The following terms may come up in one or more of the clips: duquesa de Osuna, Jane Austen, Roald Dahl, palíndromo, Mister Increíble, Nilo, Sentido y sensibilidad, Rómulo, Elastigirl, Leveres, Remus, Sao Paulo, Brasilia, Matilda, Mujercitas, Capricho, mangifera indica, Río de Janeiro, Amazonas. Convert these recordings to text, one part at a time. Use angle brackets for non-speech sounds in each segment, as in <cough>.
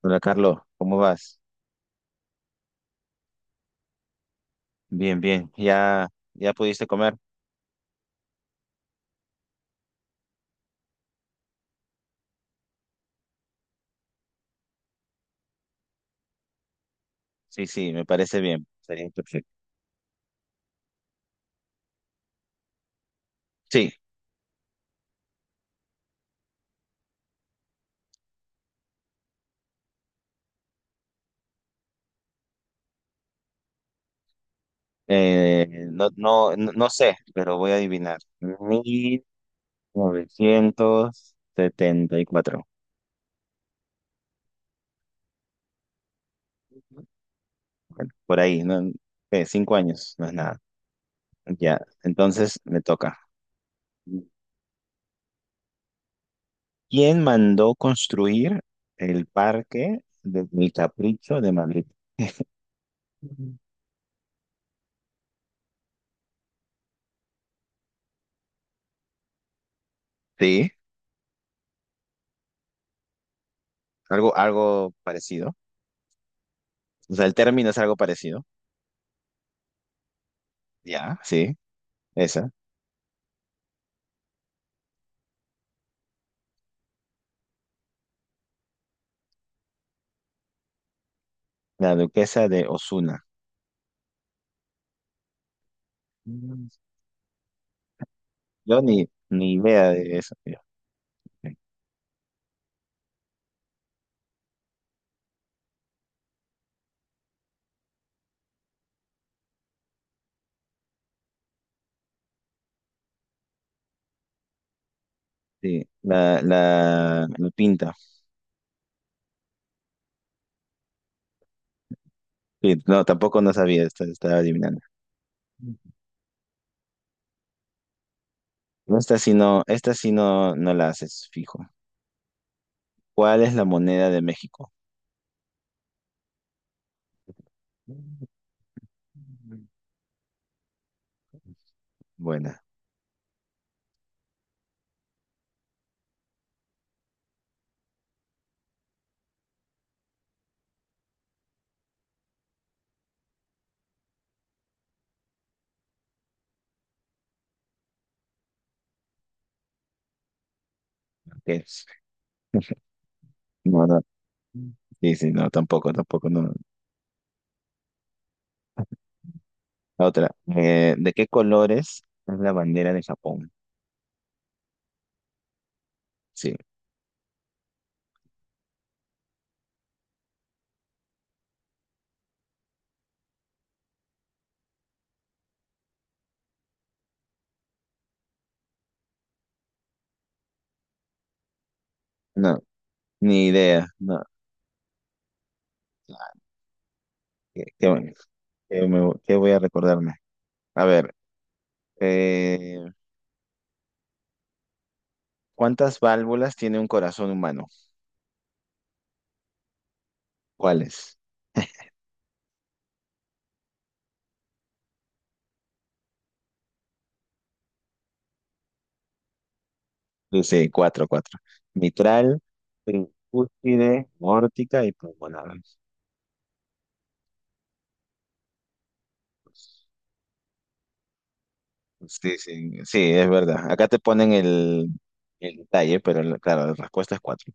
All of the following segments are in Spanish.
Hola Carlos, ¿cómo vas? Bien, bien. ¿Ya, ya pudiste comer? Sí, sí, me parece bien. Sería perfecto. Sí, no, no sé, pero voy a adivinar. 1974. Bueno, por ahí, ¿no? ¿Qué? Cinco años, no es nada. Ya, entonces me toca. ¿Quién mandó construir el parque del Capricho de Madrid? Ujú. Sí, algo parecido. O sea, el término es algo parecido. Ya, sí, esa. La duquesa de Osuna. Mm, Yo ni idea de eso, tío. Sí, la pinta. Sí, no, tampoco no sabía, estaba adivinando. No, esta sí no, esta sí no, no la haces, fijo. ¿Cuál es la moneda de México? Buena, ok. No, no. Sí, sí, no, tampoco, tampoco, no. La otra. ¿De qué colores es la bandera de Japón? Sí, no, ni idea, no. Ah, qué, qué bueno. ¿Qué voy a recordarme? A ver, eh, ¿cuántas válvulas tiene un corazón humano? ¿Cuáles? Dice cuatro, cuatro. Mitral, tricúspide, aórtica y pulmonar. Sí, sí, sí, es verdad. Acá te ponen el detalle, claro, la respuesta es cuatro.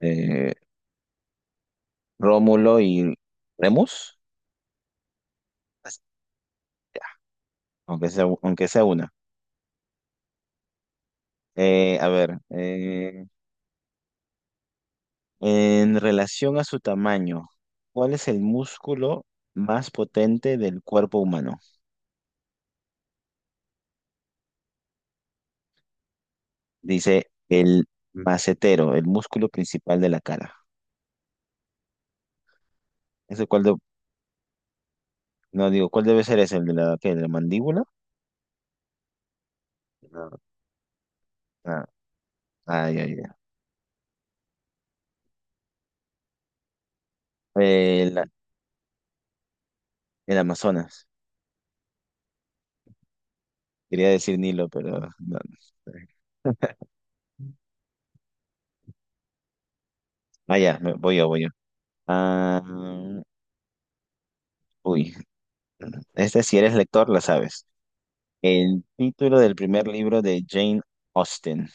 Eh, Rómulo y Remus. Así, ya, aunque sea una. A ver, en relación a su tamaño, ¿cuál es el músculo más potente del cuerpo humano? Dice el macetero, el músculo principal de la cara. ¿Ese cuál de- no digo, ¿cuál debe ser ese? ¿El de la, qué, de la mandíbula? No. Ah, ah, ya, ya. El, el Amazonas. Quería decir Nilo, pero no. Ah, ya, voy yo, voy yo. Ah, uy, este si eres lector, la sabes. El título del primer libro de Jane Austen.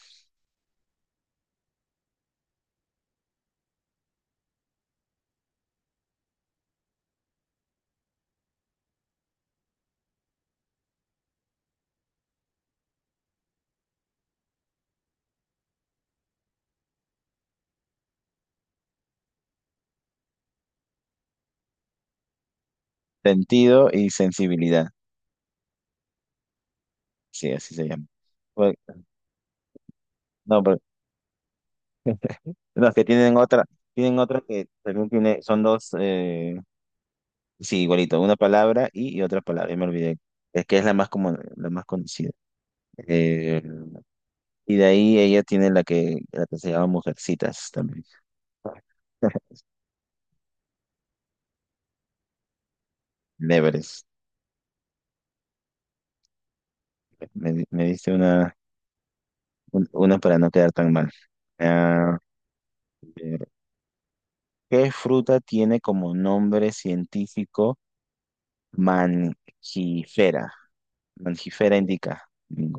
Sentido y sensibilidad. Sí, así se llama. Pues, no, pero los que tienen otra que también tiene, son dos, sí, igualito, una palabra y otra palabra, ya me olvidé. Es que es la más común, la más conocida. Eh, y de ahí ella tiene la que se llama Mujercitas también. <laughs> Leveres. Me diste una, una para no quedar tan mal. Ah, ¿qué fruta tiene como nombre científico mangifera? Mangifera indica.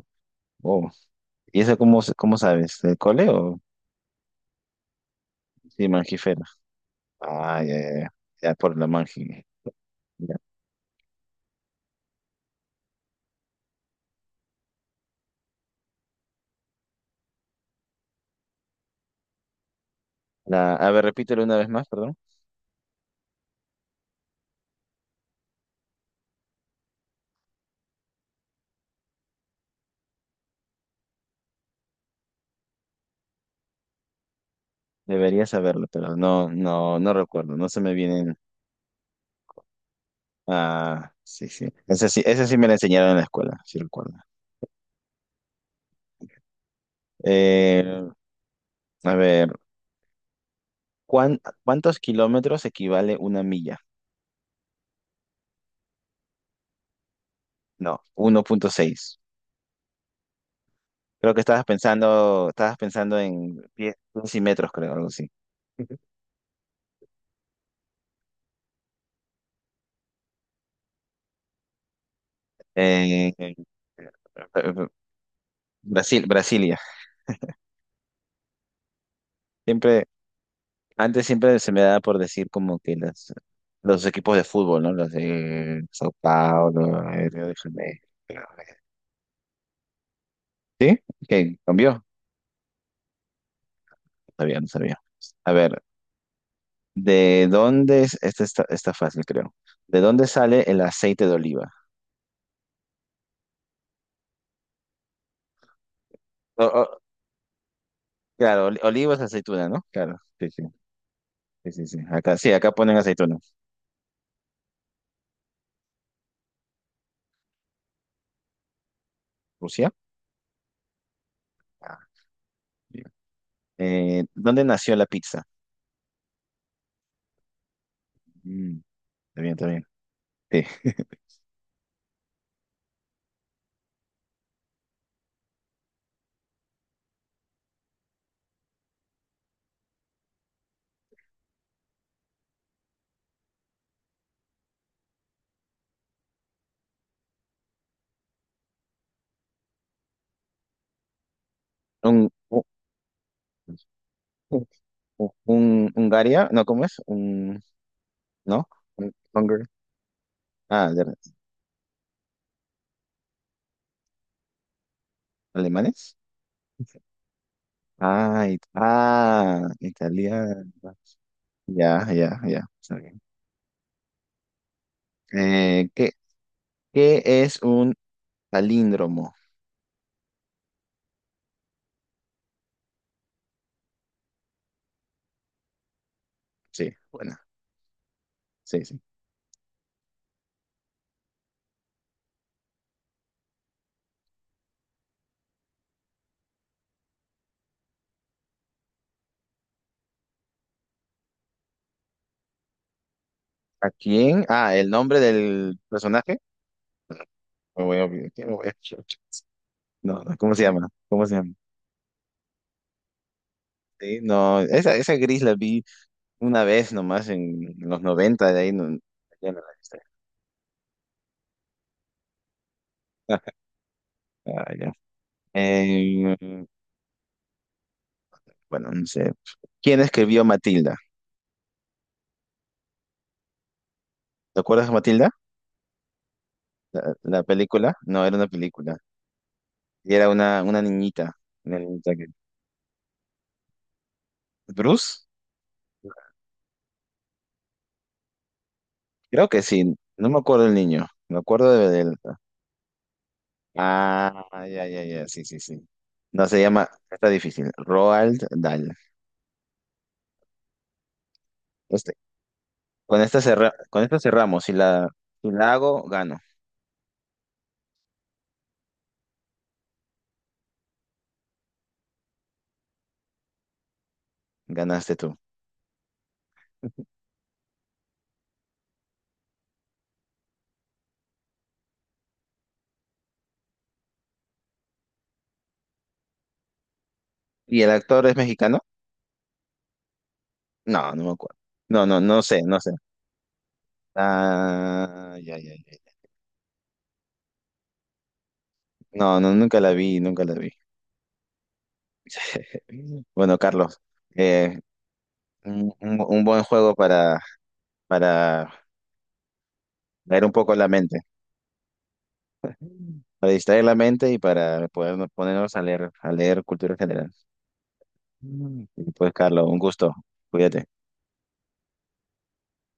Oh. ¿Cómo sabes? ¿Del cole o sí, mangifera? Ah, ya, ya, ya. Ya, por la mangi, ya. La, a ver, repítelo una vez más, perdón. Debería saberlo, pero no, no, no recuerdo. No se me vienen. Ah, sí, sí. Esa sí, esa sí me la enseñaron en la escuela, sí recuerdo. Eh, a ver, ¿cuántos kilómetros equivale una milla? No, uno punto seis. Creo que estabas pensando en pies, pies y metros, creo, algo así. Eh, eh, eh, Brasil, Brasilia. Siempre, antes siempre se me daba por decir como que las, los equipos de fútbol, ¿no? Los de Sao Paulo, Río de Janeiro. ¿Sí? Ok, cambió. No sabía, no sabía. A ver, ¿de dónde es? Esta está, está fácil, creo. ¿De dónde sale el aceite de oliva? O- o- claro, oliva es aceituna, ¿no? Claro, sí, sí. Sí, sí, sí. Acá, sí, acá ponen aceituna. ¿Rusia? Ah, bien. ¿Dónde nació la pizza? Mm. Está bien, está bien. Sí. <laughs> Un, un, Hungaria, no, ¿cómo es? Un, ¿no? Un, Hunger- ah, de- Alemanes. Ah, italiano. Ya, ya, ya. Está bien. Eh, ¿qué, ¿Qué es un palíndromo? Sí, bueno, sí, sí. ¿A quién? Ah, el nombre del personaje. Me voy a olvidar, ¿qué me voy a- <laughs> No, no, ¿cómo se llama? ¿Cómo se llama? Sí, no, esa gris la vi. Una vez nomás en los 90 de ahí no, ya no la viste. <laughs> Ah, ya. Eh, bueno, no sé. ¿Quién escribió Matilda? ¿Te acuerdas de Matilda? ¿La película? No, era una película. Y era una niñita. Una niñita que... ¿Bruce? Creo que sí. No me acuerdo del niño. Me acuerdo de, del... Ah, ya, ya, ya. Sí, sí, sí. No, se llama... Está difícil. Roald Dahl. Este, con esta cerramos. Si la, si la hago, gano. Ganaste tú. ¿Y el actor es mexicano? No, no me acuerdo. No, no, no sé, no sé. Ah, ya, ya, ya. No, no, nunca la vi, nunca la vi. <laughs> Bueno, Carlos, eh, un buen juego para leer un poco la mente, para distraer la mente y para poder ponernos a leer cultura general. Mm. Y pues, Carlos, un gusto. Cuídate.